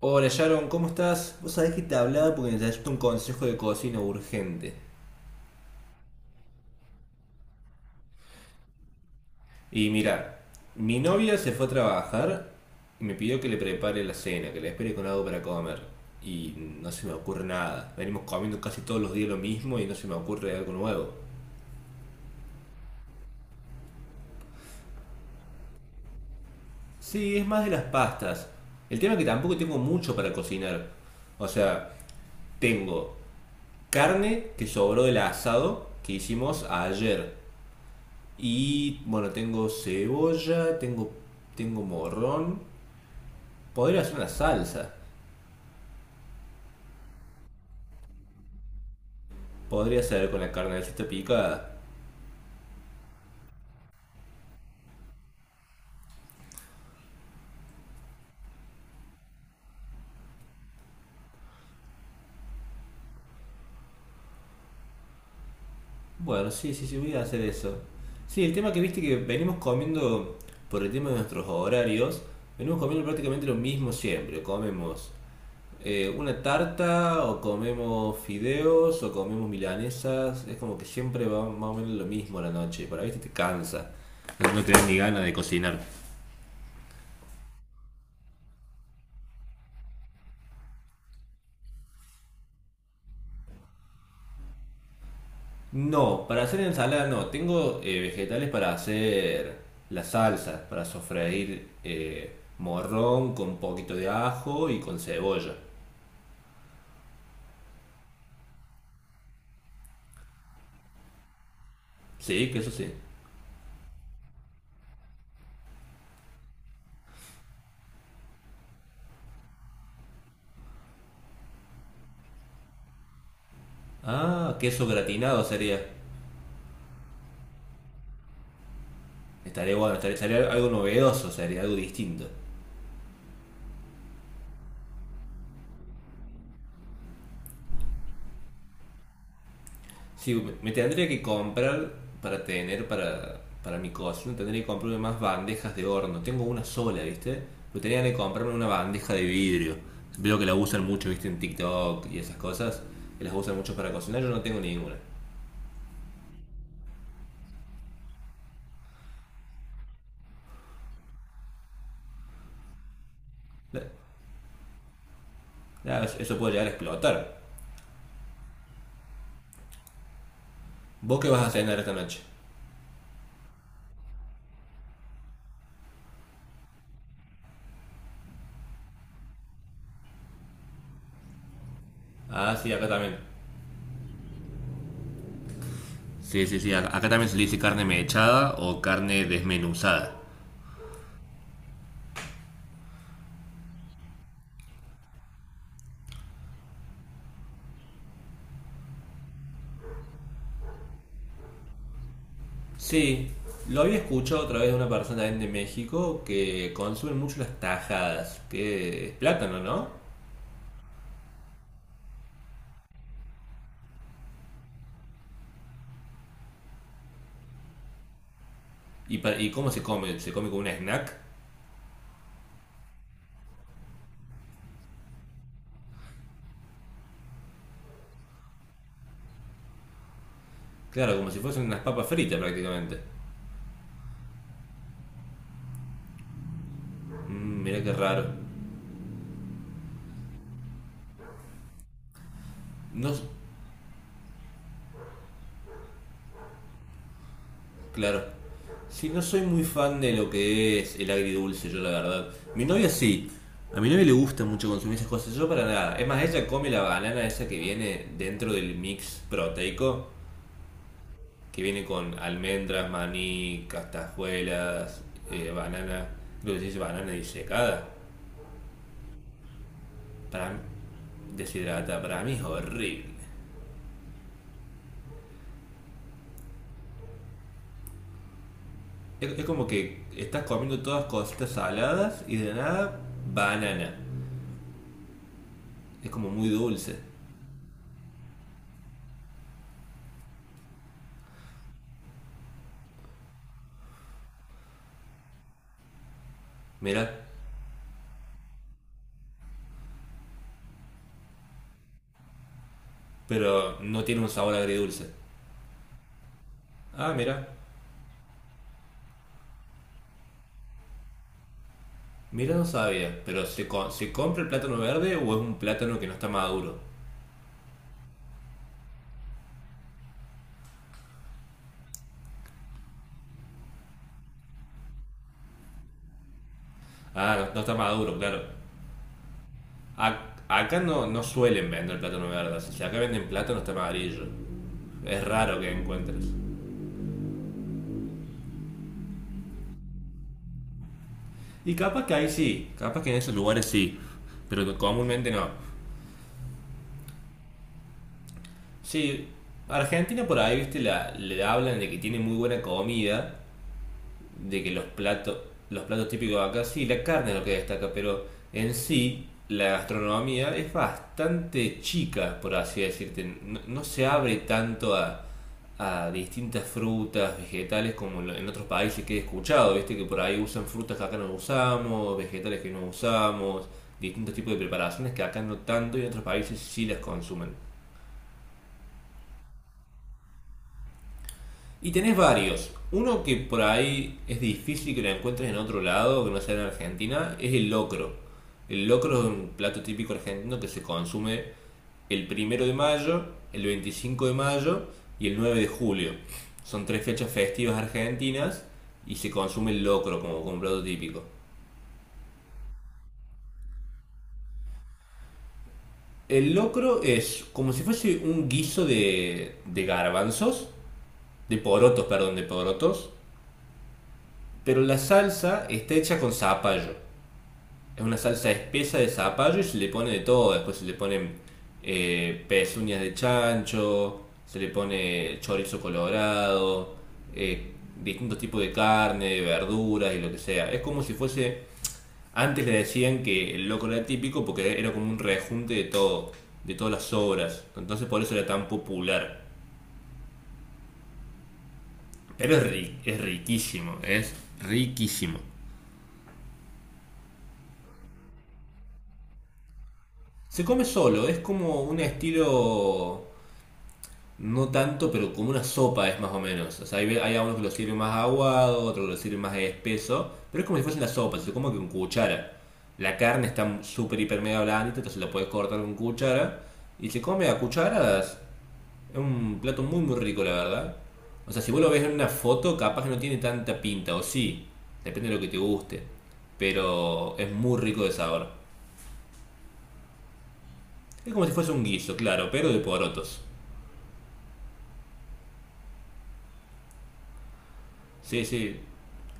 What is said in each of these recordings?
Hola Sharon, ¿cómo estás? Vos sabés que te hablaba porque necesito un consejo de cocina urgente. Y mira, mi novia se fue a trabajar y me pidió que le prepare la cena, que la espere con algo para comer. Y no se me ocurre nada. Venimos comiendo casi todos los días lo mismo y no se me ocurre algo nuevo. Sí, es más de las pastas. El tema es que tampoco tengo mucho para cocinar. O sea, tengo carne que sobró del asado que hicimos ayer. Y bueno, tengo cebolla, tengo morrón. Podría hacer una salsa. Podría hacer con la carnecita picada. Bueno, sí, sí, sí, voy a hacer eso. Sí, el tema que viste que venimos comiendo, por el tema de nuestros horarios, venimos comiendo prácticamente lo mismo siempre. Comemos una tarta, o comemos fideos, o comemos milanesas. Es como que siempre va más o menos lo mismo a la noche. Para viste te cansa. No, no tenés ni ganas de cocinar. No, para hacer ensalada no. Tengo vegetales para hacer la salsa, para sofreír morrón con un poquito de ajo y con cebolla. Sí, queso sí. Ah, queso gratinado sería. Estaría bueno, estaría, sería algo novedoso, sería algo distinto. Sí, me tendría que comprar para tener para mi cocina, tendría que comprarme más bandejas de horno. Tengo una sola, ¿viste? Pero tendría que comprarme una bandeja de vidrio. Veo que la usan mucho, ¿viste? En TikTok y esas cosas. Que las usan mucho para cocinar. Yo no tengo ninguna. La- eso puede llegar a explotar. ¿Vos qué vas a cenar esta noche? Ah, sí, acá también. Sí, sí, sí. Acá también se le dice carne mechada o carne desmenuzada. Sí, lo había escuchado otra vez de una persona también de México que consume mucho las tajadas, que es plátano, ¿no? ¿Y, y cómo se come? ¿Se come como un snack? Claro, como si fuesen unas papas fritas prácticamente. Mm, mirá qué raro. No, claro. Sí, no soy muy fan de lo que es el agridulce, yo la verdad. Mi novia sí. A mi novia le gusta mucho consumir esas cosas, yo para nada. Es más, ella come la banana esa que viene dentro del mix proteico que viene con almendras, maní, castajuelas, banana, creo que se dice banana disecada, para mí, deshidrata, para mí es horrible. Es como que estás comiendo todas cositas saladas y de nada banana. Es como muy dulce, mira, pero no tiene un sabor agridulce. Ah, mira no sabía, pero se compra el plátano verde o es un plátano que no está maduro? Ah, no, no está maduro, claro. Acá no, no suelen vender plátano verde, así que acá venden plátano está amarillo. Es raro que encuentres. Y capaz que ahí sí, capaz que en esos lugares sí, pero comúnmente no. Sí, Argentina por ahí, viste, le hablan de que tiene muy buena comida, de que los platos, típicos de acá, sí, la carne es lo que destaca, pero en sí la gastronomía es bastante chica, por así decirte. No, no se abre tanto a distintas frutas, vegetales, como en otros países que he escuchado, ¿viste? Que por ahí usan frutas que acá no usamos, vegetales que no usamos, distintos tipos de preparaciones que acá no tanto y en otros países sí las consumen. Y tenés varios. Uno que por ahí es difícil que lo encuentres en otro lado, que no sea en Argentina, es el locro. El locro es un plato típico argentino que se consume el 1 de mayo, el 25 de mayo y el 9 de julio. Son tres fechas festivas argentinas y se consume el locro como, un plato típico. El locro es como si fuese un guiso de garbanzos, de porotos, perdón, de porotos, pero la salsa está hecha con zapallo. Es una salsa espesa de zapallo y se le pone de todo. Después se le ponen pezuñas de chancho, se le pone chorizo colorado, eh, distintos tipos de carne, de verduras y lo que sea. Es como si fuese. Antes le decían que el locro era típico porque era como un rejunte de todo, de todas las obras. Entonces por eso era tan popular. Pero es riquísimo, es riquísimo. Se come solo, es como un estilo. No tanto, pero como una sopa es más o menos. O sea, hay algunos que lo sirven más aguado, otros que lo sirven más espeso, pero es como si fuese una sopa, se come con cuchara. La carne está súper, hiper, mega blandita, entonces la puedes cortar con cuchara y se come a cucharadas. Es un plato muy, muy rico, la verdad. O sea, si vos lo ves en una foto, capaz que no tiene tanta pinta, o sí, depende de lo que te guste, pero es muy rico de sabor. Es como si fuese un guiso, claro, pero de porotos. Sí, sí.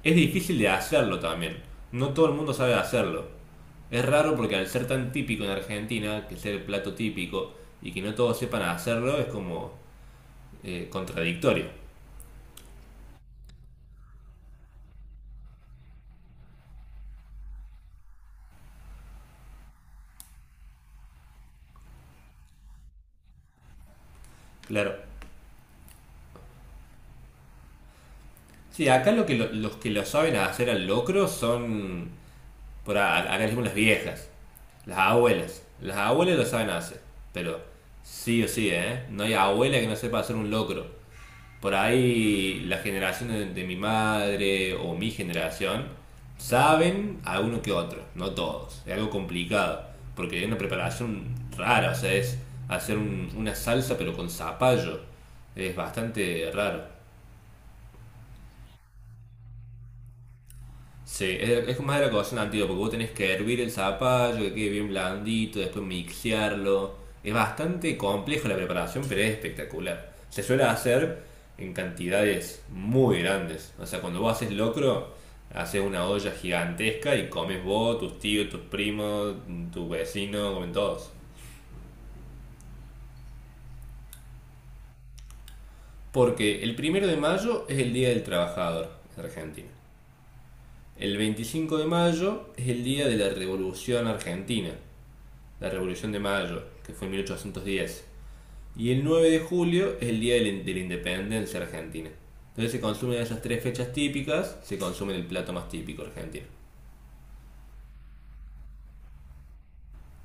Es difícil de hacerlo también. No todo el mundo sabe hacerlo. Es raro porque al ser tan típico en Argentina, que ser el plato típico, y que no todos sepan hacerlo, es como contradictorio. Claro. Sí, acá lo que los que lo saben hacer al locro son, acá le decimos las viejas, las abuelas. Las abuelas lo saben hacer, pero sí o sí, ¿eh? No hay abuela que no sepa hacer un locro. Por ahí las generaciones de mi madre o mi generación saben a uno que otro, no todos. Es algo complicado, porque hay una preparación rara, o sea, es hacer una salsa pero con zapallo. Es bastante raro. Sí, es más de la cocción antigua, porque vos tenés que hervir el zapallo, que quede bien blandito, después mixearlo. Es bastante complejo la preparación, pero es espectacular. Se suele hacer en cantidades muy grandes. O sea, cuando vos haces locro, haces una olla gigantesca y comes vos, tus tíos, tus primos, tu vecino, comen todos. Porque el 1 de mayo es el Día del Trabajador en Argentina. El 25 de mayo es el Día de la Revolución Argentina, la Revolución de Mayo, que fue en 1810. Y el 9 de julio es el Día de la Independencia Argentina. Entonces se consumen esas tres fechas típicas, se consume el plato más típico argentino.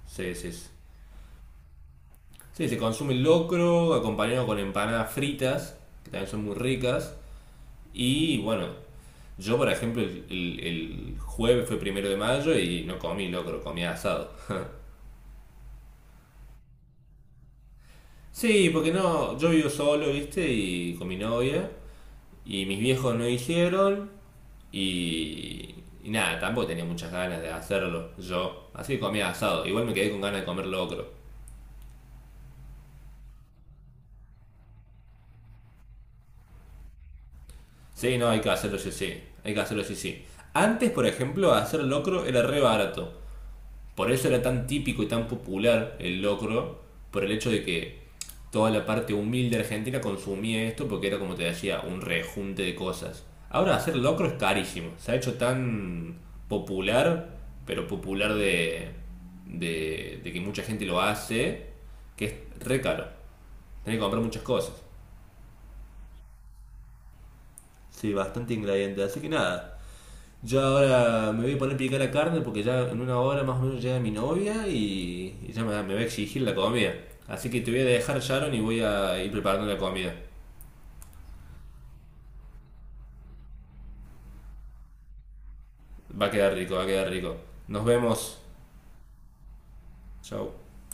Sí, sí, sí. Sí, se consume el locro acompañado con empanadas fritas, que también son muy ricas. Y bueno, yo por ejemplo el jueves fue 1 de mayo y no comí locro, comí asado. Sí, porque no, yo vivo solo, viste, y con mi novia. Y mis viejos no hicieron y, y nada, tampoco tenía muchas ganas de hacerlo yo. Así que comía asado. Igual me quedé con ganas de comer locro. Sí, no, hay que hacerlo sí, sí. Hay que hacerlo sí, sí. Antes, por ejemplo, hacer locro era re barato. Por eso era tan típico y tan popular el locro, por el hecho de que toda la parte humilde argentina consumía esto porque era, como te decía, un rejunte de cosas. Ahora hacer locro es carísimo, se ha hecho tan popular, pero popular de que mucha gente lo hace, que es re caro. Tenés que comprar muchas cosas. Sí, bastante ingrediente. Así que nada, yo ahora me voy a poner a picar la carne porque ya en una hora más o menos llega mi novia y ya me va a exigir la comida. Así que te voy a dejar, Sharon, y voy a ir preparando la comida. Va a quedar rico, va a quedar rico. Nos vemos. Chao.